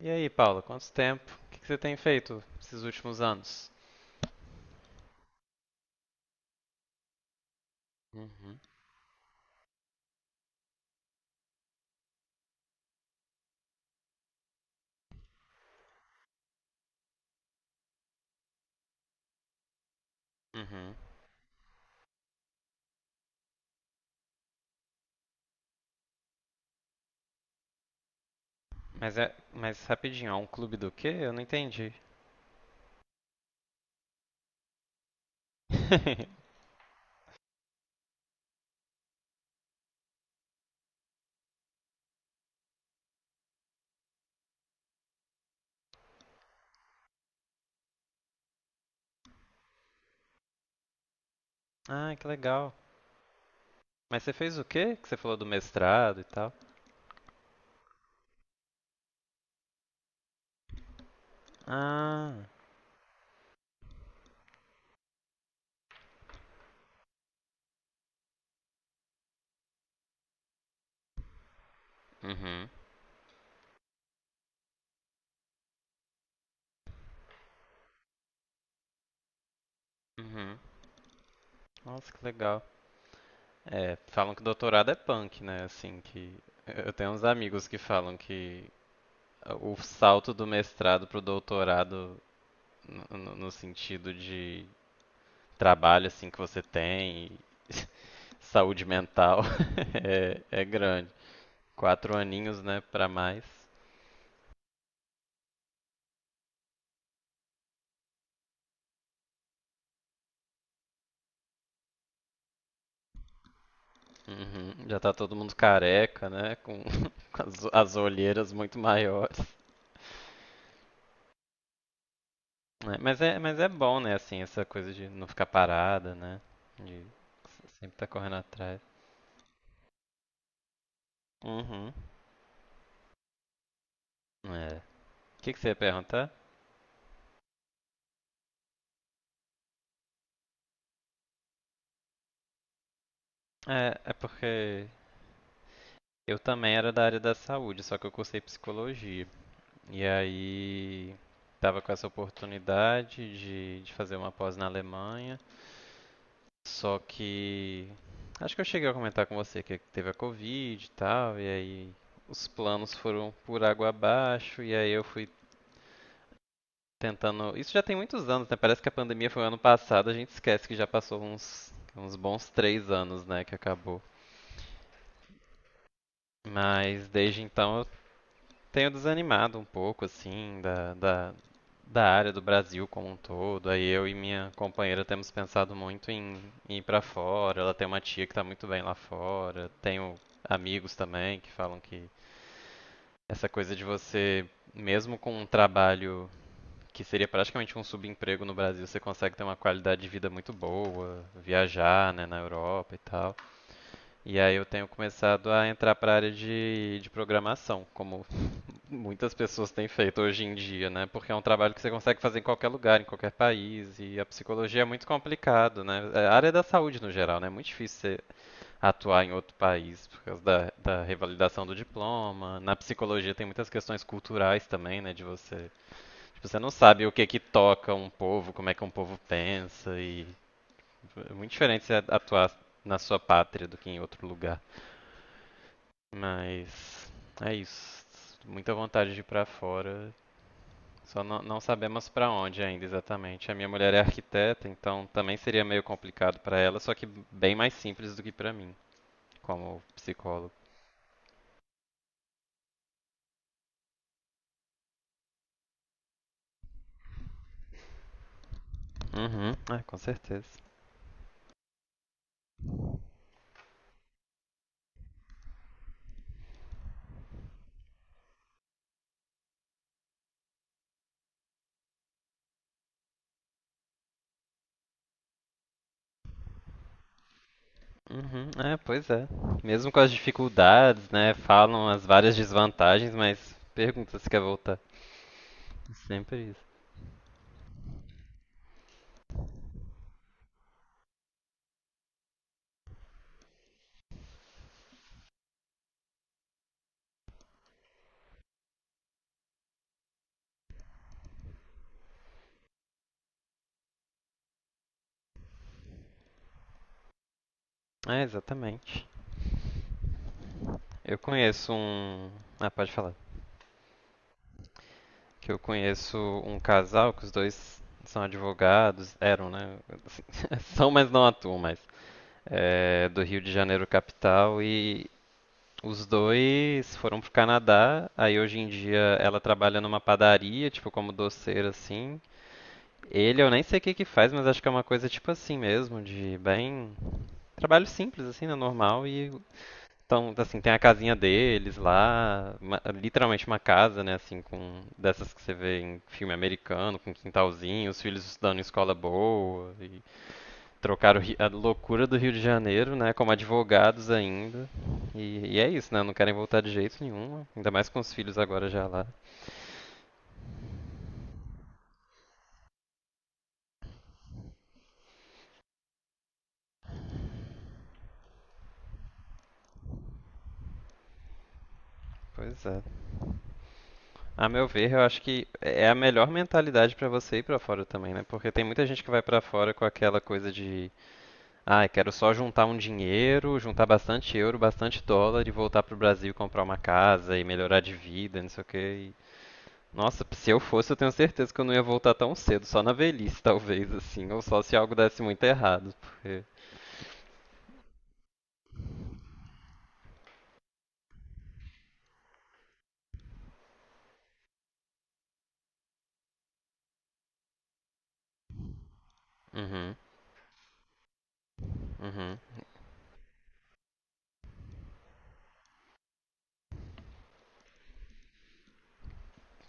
E aí, Paula, quanto tempo? O que que você tem feito esses últimos anos? Uhum, uhum. Mas rapidinho, é um clube do quê? Eu não entendi. Ah, que legal. Mas você fez o quê? Que você falou do mestrado e tal? Ah, uhum, uhum. Nossa, que legal. É, falam que doutorado é punk, né? Assim, que eu tenho uns amigos que falam que o salto do mestrado pro doutorado no sentido de trabalho assim que você tem, saúde mental, é grande. 4 aninhos, né, para mais. Uhum. Já tá todo mundo careca, né? Com com as olheiras muito maiores. Né? Mas é bom, né? Assim, essa coisa de não ficar parada, né? De sempre tá correndo atrás. Uhum. É. O que, que você ia perguntar? É porque eu também era da área da saúde, só que eu cursei psicologia. E aí estava com essa oportunidade de fazer uma pós na Alemanha, só que acho que eu cheguei a comentar com você que teve a Covid e tal, e aí os planos foram por água abaixo, e aí eu fui tentando. Isso já tem muitos anos, né? Parece que a pandemia foi ano passado, a gente esquece que já passou uns bons 3 anos, né, que acabou. Mas desde então eu tenho desanimado um pouco, assim, da área do Brasil como um todo. Aí eu e minha companheira temos pensado muito em ir pra fora. Ela tem uma tia que tá muito bem lá fora. Tenho amigos também que falam que essa coisa de você, mesmo com um trabalho que seria praticamente um subemprego no Brasil, você consegue ter uma qualidade de vida muito boa, viajar, né, na Europa e tal. E aí eu tenho começado a entrar para a área de programação, como muitas pessoas têm feito hoje em dia, né? Porque é um trabalho que você consegue fazer em qualquer lugar, em qualquer país, e a psicologia é muito complicado, né? É a área da saúde no geral, né? É muito difícil você atuar em outro país por causa da revalidação do diploma. Na psicologia tem muitas questões culturais também, né? De você, tipo, você não sabe o que que toca um povo, como é que um povo pensa, e é muito diferente você atuar na sua pátria do que em outro lugar. Mas é isso. Muita vontade de ir pra fora. Só não sabemos para onde ainda exatamente. A minha mulher é arquiteta, então também seria meio complicado para ela, só que bem mais simples do que para mim, como psicólogo. Uhum, é, com certeza. Uhum, é, pois é. Mesmo com as dificuldades, né? Falam as várias desvantagens, mas pergunta se quer voltar. Sempre isso. É, exatamente. Eu conheço um. Ah, pode falar. Que eu conheço um casal que os dois são advogados, eram, né? São, mas não atuam mais. É, do Rio de Janeiro capital e os dois foram pro Canadá. Aí hoje em dia ela trabalha numa padaria, tipo como doceira assim. Ele eu nem sei o que que faz, mas acho que é uma coisa tipo assim mesmo, de bem trabalho simples assim, né, normal, e então, assim, tem a casinha deles lá, literalmente uma casa, né, assim, com dessas que você vê em filme americano, com quintalzinho, os filhos estudando em escola boa e trocaram a loucura do Rio de Janeiro, né? Como advogados ainda. E é isso, né? Não querem voltar de jeito nenhum. Ainda mais com os filhos agora já lá. Pois é. A meu ver, eu acho que é a melhor mentalidade pra você ir pra fora também, né? Porque tem muita gente que vai pra fora com aquela coisa de, ah, quero só juntar um dinheiro, juntar bastante euro, bastante dólar e voltar pro Brasil e comprar uma casa e melhorar de vida, não sei o quê. Nossa, se eu fosse, eu tenho certeza que eu não ia voltar tão cedo, só na velhice, talvez, assim, ou só se algo desse muito errado, porque. Uhum, uhum,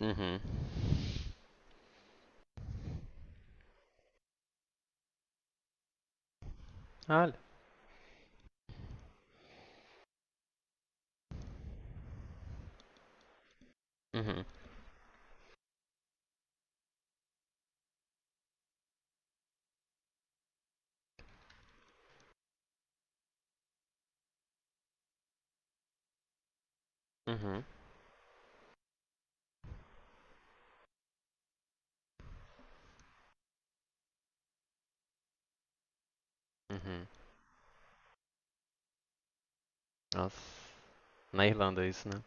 uhum. Olha. Uhum, uhum, uhum. Nossa, na Irlanda isso, né?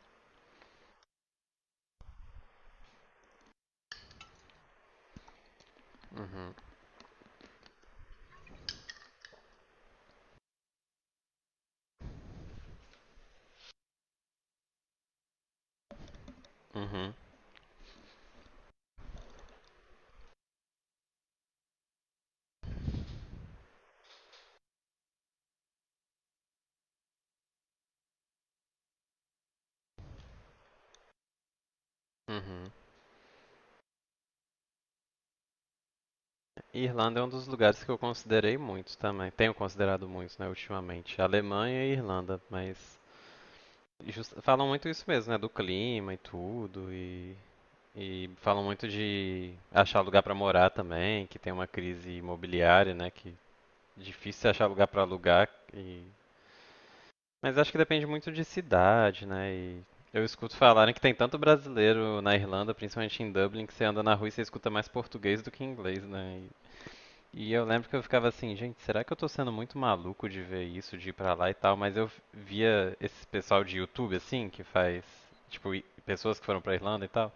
Uhum, uhum. Irlanda é um dos lugares que eu considerei muito também. Tenho considerado muito, né, ultimamente. Alemanha e Irlanda, mas e falam muito isso mesmo, né? Do clima e tudo. E falam muito de achar lugar pra morar também, que tem uma crise imobiliária, né? Que é difícil achar lugar pra alugar. E... Mas acho que depende muito de cidade, né? E eu escuto falarem que tem tanto brasileiro na Irlanda, principalmente em Dublin, que você anda na rua e você escuta mais português do que inglês, né? E eu lembro que eu ficava assim, gente, será que eu tô sendo muito maluco de ver isso, de ir pra lá e tal? Mas eu via esse pessoal de YouTube, assim, que faz, tipo, pessoas que foram pra Irlanda e tal.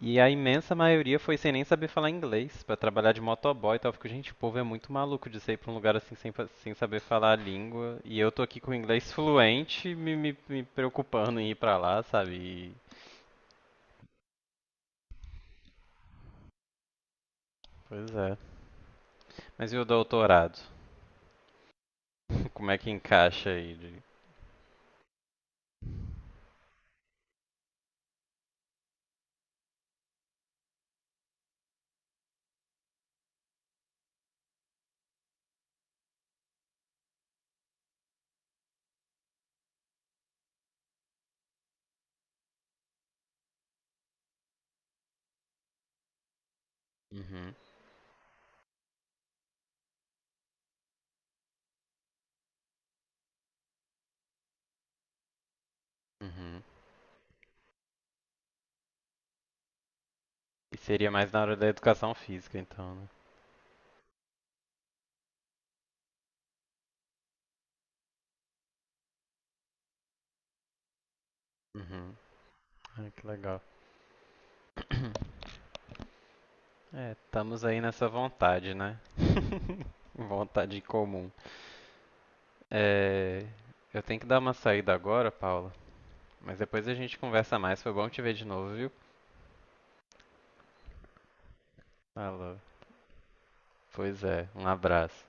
E a imensa maioria foi sem nem saber falar inglês, pra trabalhar de motoboy e tal. Eu fico, gente, o povo é muito maluco de sair pra um lugar assim sem saber falar a língua. E eu tô aqui com o inglês fluente, me preocupando em ir pra lá, sabe? E- Pois é. Mas e o doutorado? Como é que encaixa aí? Uhum, uhum. E seria mais na hora da educação física, então, né? Uhum. Ah, que legal. É, estamos aí nessa vontade, né? Vontade comum. É, eu tenho que dar uma saída agora, Paula. Mas depois a gente conversa mais. Foi bom te ver de novo, viu? Falou. Pois é, um abraço.